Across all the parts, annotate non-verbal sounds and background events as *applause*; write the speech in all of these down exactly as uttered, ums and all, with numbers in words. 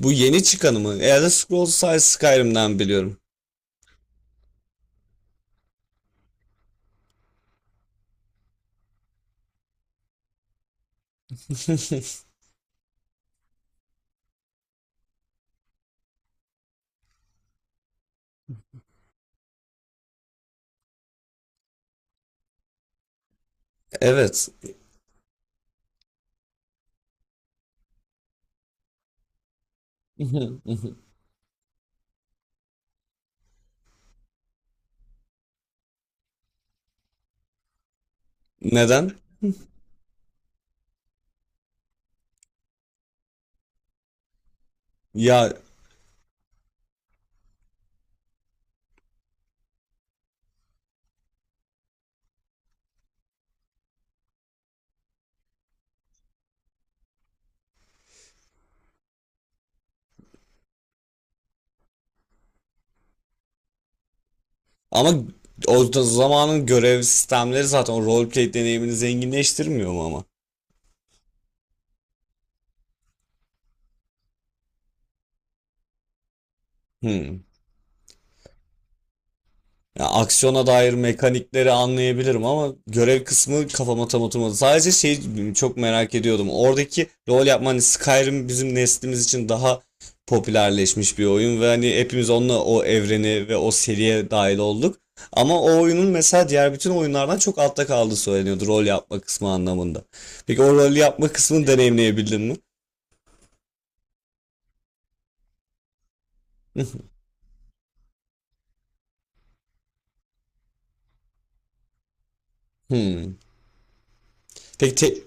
Bu yeni çıkanı mı? Elder Scrolls sadece Skyrim'den biliyorum. *laughs* Evet. *laughs* Neden? Ya ama o da zamanın görev sistemleri zaten o roleplay deneyimini zenginleştirmiyor mu ama? Hmm. Ya aksiyona dair mekanikleri anlayabilirim ama görev kısmı kafama tam oturmadı. Sadece şey çok merak ediyordum. Oradaki rol yapma, hani Skyrim bizim neslimiz için daha popülerleşmiş bir oyun ve hani hepimiz onunla o evreni ve o seriye dahil olduk. Ama o oyunun mesela diğer bütün oyunlardan çok altta kaldığı söyleniyordu, rol yapma kısmı anlamında. Peki o rol yapma kısmını deneyimleyebildin mi? Hmm. Peki te-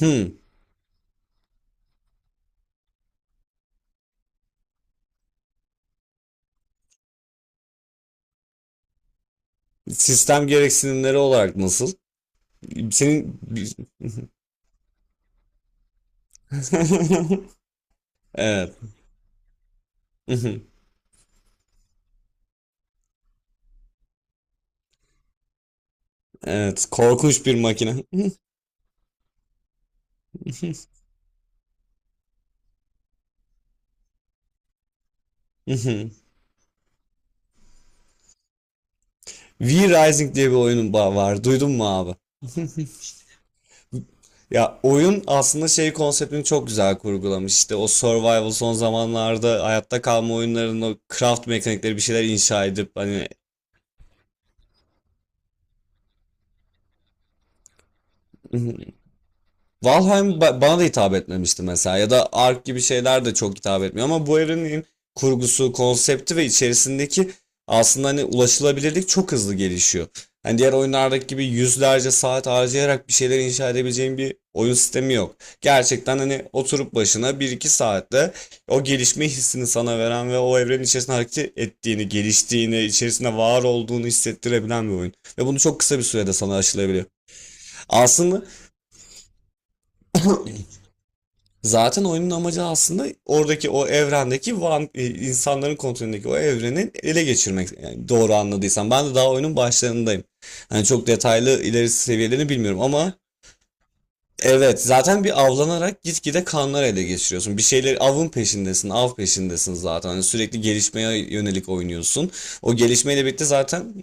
hmm. Sistem gereksinimleri olarak nasıl? Senin *laughs* Evet. *laughs* Evet. Korkunç bir makine. *laughs* V Rising diye bir oyunun ba- var. Duydun mu abi? *laughs* Ya oyun aslında şey konseptini çok güzel kurgulamış. İşte o survival, son zamanlarda hayatta kalma oyunlarının o craft mekanikleri, bir şeyler inşa edip hani… *laughs* Valheim ba- bana da hitap etmemişti mesela, ya da Ark gibi şeyler de çok hitap etmiyor, ama bu evrenin kurgusu, konsepti ve içerisindeki, aslında hani ulaşılabilirlik çok hızlı gelişiyor. Hani diğer oyunlardaki gibi yüzlerce saat harcayarak bir şeyler inşa edebileceğin bir oyun sistemi yok. Gerçekten hani oturup başına bir iki saatte o gelişme hissini sana veren ve o evrenin içerisinde hareket ettiğini, geliştiğini, içerisinde var olduğunu hissettirebilen bir oyun. Ve bunu çok kısa bir sürede sana aşılayabiliyor. Aslında… Zaten oyunun amacı aslında oradaki o evrendeki van, e, insanların kontrolündeki o evrenin ele geçirmek. Yani doğru anladıysam. Ben de daha oyunun başlarındayım. Hani çok detaylı ilerisi seviyelerini bilmiyorum ama… Evet, zaten bir avlanarak gitgide kanlar ele geçiriyorsun. Bir şeyler, avın peşindesin, av peşindesin zaten. Hani sürekli gelişmeye yönelik oynuyorsun. O gelişmeyle birlikte zaten…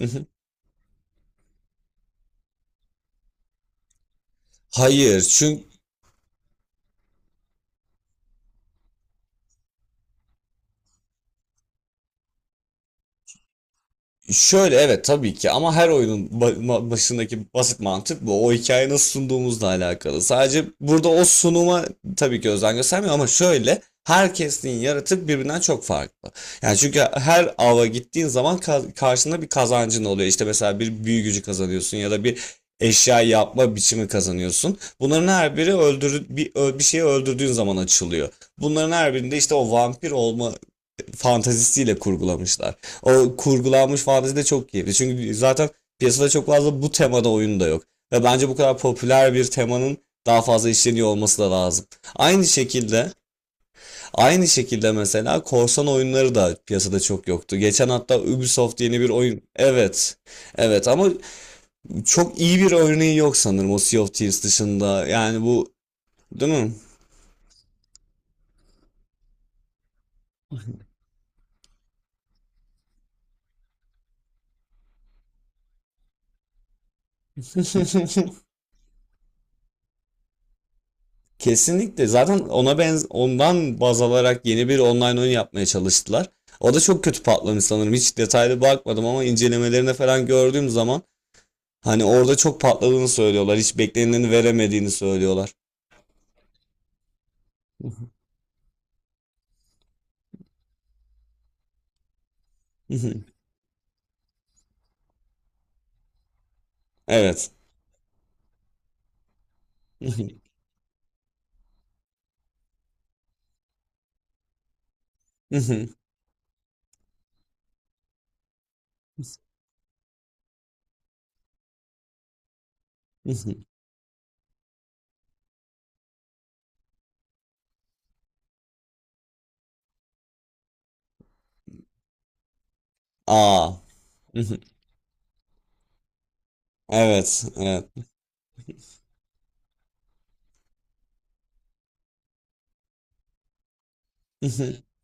*laughs* Hayır, çünkü… Şöyle, evet tabii ki, ama her oyunun ba- ma- başındaki basit mantık bu. O hikayeyi nasıl sunduğumuzla alakalı. Sadece burada o sunuma tabii ki özen göstermiyor, ama şöyle, herkesin yaratık birbirinden çok farklı. Yani çünkü her ava gittiğin zaman ka- karşında bir kazancın oluyor. İşte mesela bir büyü gücü kazanıyorsun ya da bir eşya yapma biçimi kazanıyorsun. Bunların her biri öldürü bir, ö- bir şeyi öldürdüğün zaman açılıyor. Bunların her birinde işte o vampir olma fantazisiyle kurgulamışlar. O kurgulanmış fantezi de çok keyifli. Çünkü zaten piyasada çok fazla bu temada oyun da yok. Ve bence bu kadar popüler bir temanın daha fazla işleniyor olması da lazım. Aynı şekilde, aynı şekilde mesela korsan oyunları da piyasada çok yoktu. Geçen hatta Ubisoft yeni bir oyun. Evet. Evet ama çok iyi bir örneği yok sanırım, o Sea of Thieves dışında. Yani bu, değil mi? *laughs* Kesinlikle. Zaten ona benz ondan baz alarak yeni bir online oyun yapmaya çalıştılar. O da çok kötü patlamış sanırım. Hiç detaylı bakmadım ama incelemelerine falan gördüğüm zaman, hani orada çok patladığını söylüyorlar. Hiç beklenileni veremediğini söylüyorlar. *laughs* Evet. *laughs* Aa. *laughs* Evet, evet. *laughs*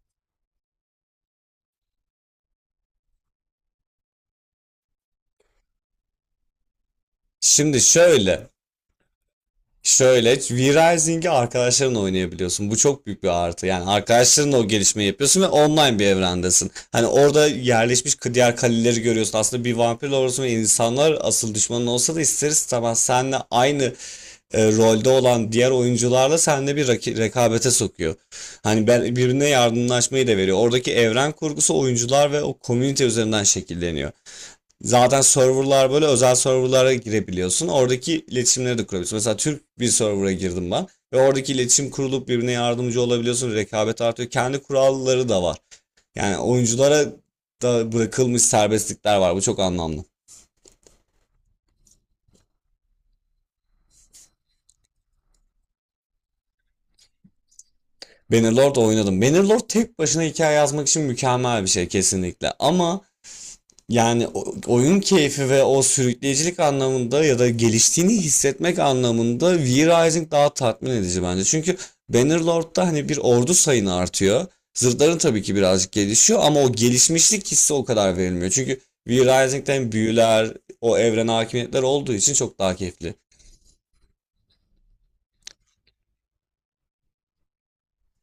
Şimdi şöyle. Şöyle, V-Rising'i arkadaşlarınla oynayabiliyorsun. Bu çok büyük bir artı. Yani arkadaşlarınla o gelişmeyi yapıyorsun ve online bir evrendesin. Hani orada yerleşmiş diğer kaleleri görüyorsun. Aslında bir vampir olursun ve insanlar asıl düşmanın olsa da ister istemez seninle aynı e, rolde olan diğer oyuncularla seninle bir raki- rekabete sokuyor. Hani ben birbirine yardımlaşmayı da veriyor. Oradaki evren kurgusu oyuncular ve o komünite üzerinden şekilleniyor. Zaten serverlar, böyle özel serverlara girebiliyorsun. Oradaki iletişimleri de kurabiliyorsun. Mesela Türk bir server'a girdim ben ve oradaki iletişim kurulup birbirine yardımcı olabiliyorsun. Rekabet artıyor. Kendi kuralları da var. Yani oyunculara da bırakılmış serbestlikler var. Bu çok anlamlı. Bannerlord oynadım. Bannerlord tek başına hikaye yazmak için mükemmel bir şey kesinlikle. Ama… Yani o- oyun keyfi ve o sürükleyicilik anlamında, ya da geliştiğini hissetmek anlamında V-Rising daha tatmin edici bence. Çünkü Bannerlord'da hani bir ordu sayını artıyor. Zırhların tabii ki birazcık gelişiyor, ama o gelişmişlik hissi o kadar verilmiyor. Çünkü V-Rising'den büyüler, o evrene hakimiyetler olduğu için çok daha keyifli.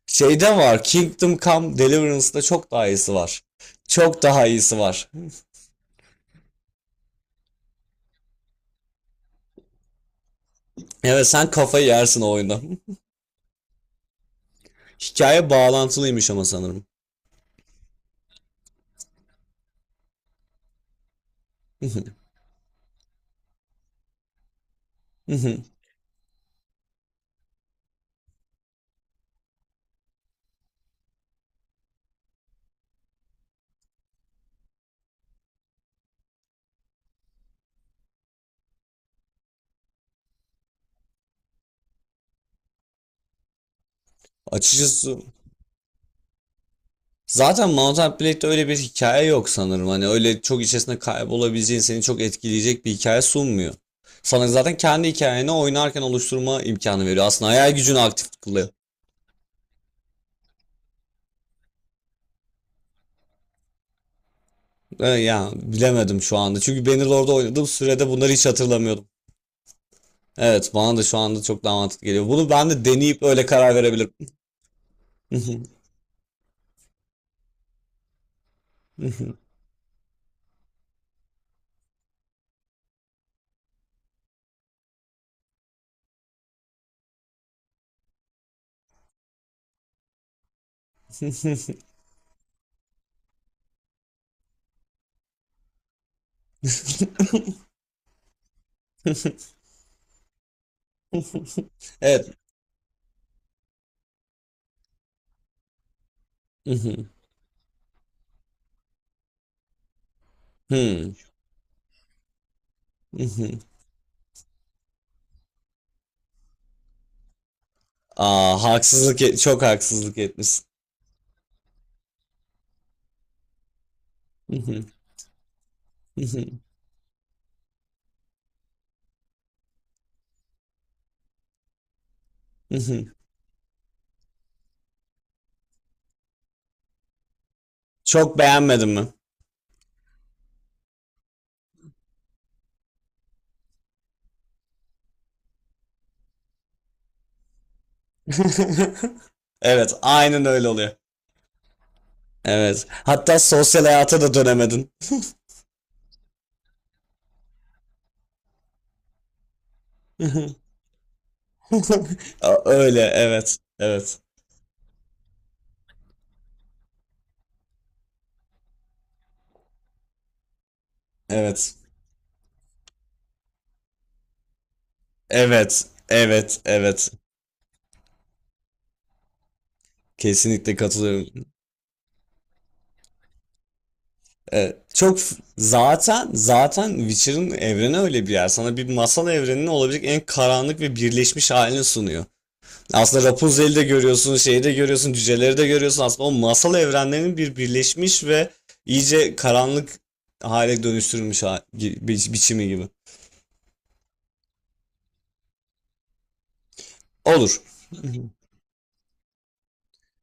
Şeyde var, Kingdom Come Deliverance'da çok daha iyisi var. Çok daha iyisi var. Evet, sen kafayı yersin o oyunda. *laughs* Hikaye bağlantılıymış ama sanırım. *laughs* Açıkçası zaten Mount Blade'de öyle bir hikaye yok sanırım. Hani öyle çok içerisinde kaybolabileceğin, seni çok etkileyecek bir hikaye sunmuyor. Sana zaten kendi hikayeni oynarken oluşturma imkanı veriyor. Aslında hayal gücünü aktif kılıyor. E, ya bilemedim şu anda. Çünkü Bannerlord'da oynadığım sürede bunları hiç hatırlamıyordum. Evet, bana da şu anda çok daha mantıklı geliyor. Bunu ben de deneyip öyle karar verebilirim. *laughs* Evet. *laughs* Aa, haksızlık et- çok haksızlık etmişsin. *laughs* Çok beğenmedin mi? *laughs* Evet, aynen öyle oluyor. Evet. Hatta sosyal hayata da dönemedin. *laughs* A- Öyle, evet. Evet. Evet. Evet. Evet. Evet. Kesinlikle katılıyorum. Evet. Çok f- zaten zaten Witcher'ın evreni öyle bir yer. Sana bir masal evreninin olabilecek en karanlık ve birleşmiş halini sunuyor. Aslında Rapunzel'i de görüyorsun, şeyi de görüyorsun, cüceleri de görüyorsun. Aslında o masal evrenlerinin bir birleşmiş ve iyice karanlık hale dönüştürülmüş ha- bi- biçimi gibi. Olur.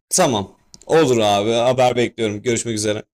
Tamam. Olur abi. Haber bekliyorum. Görüşmek üzere.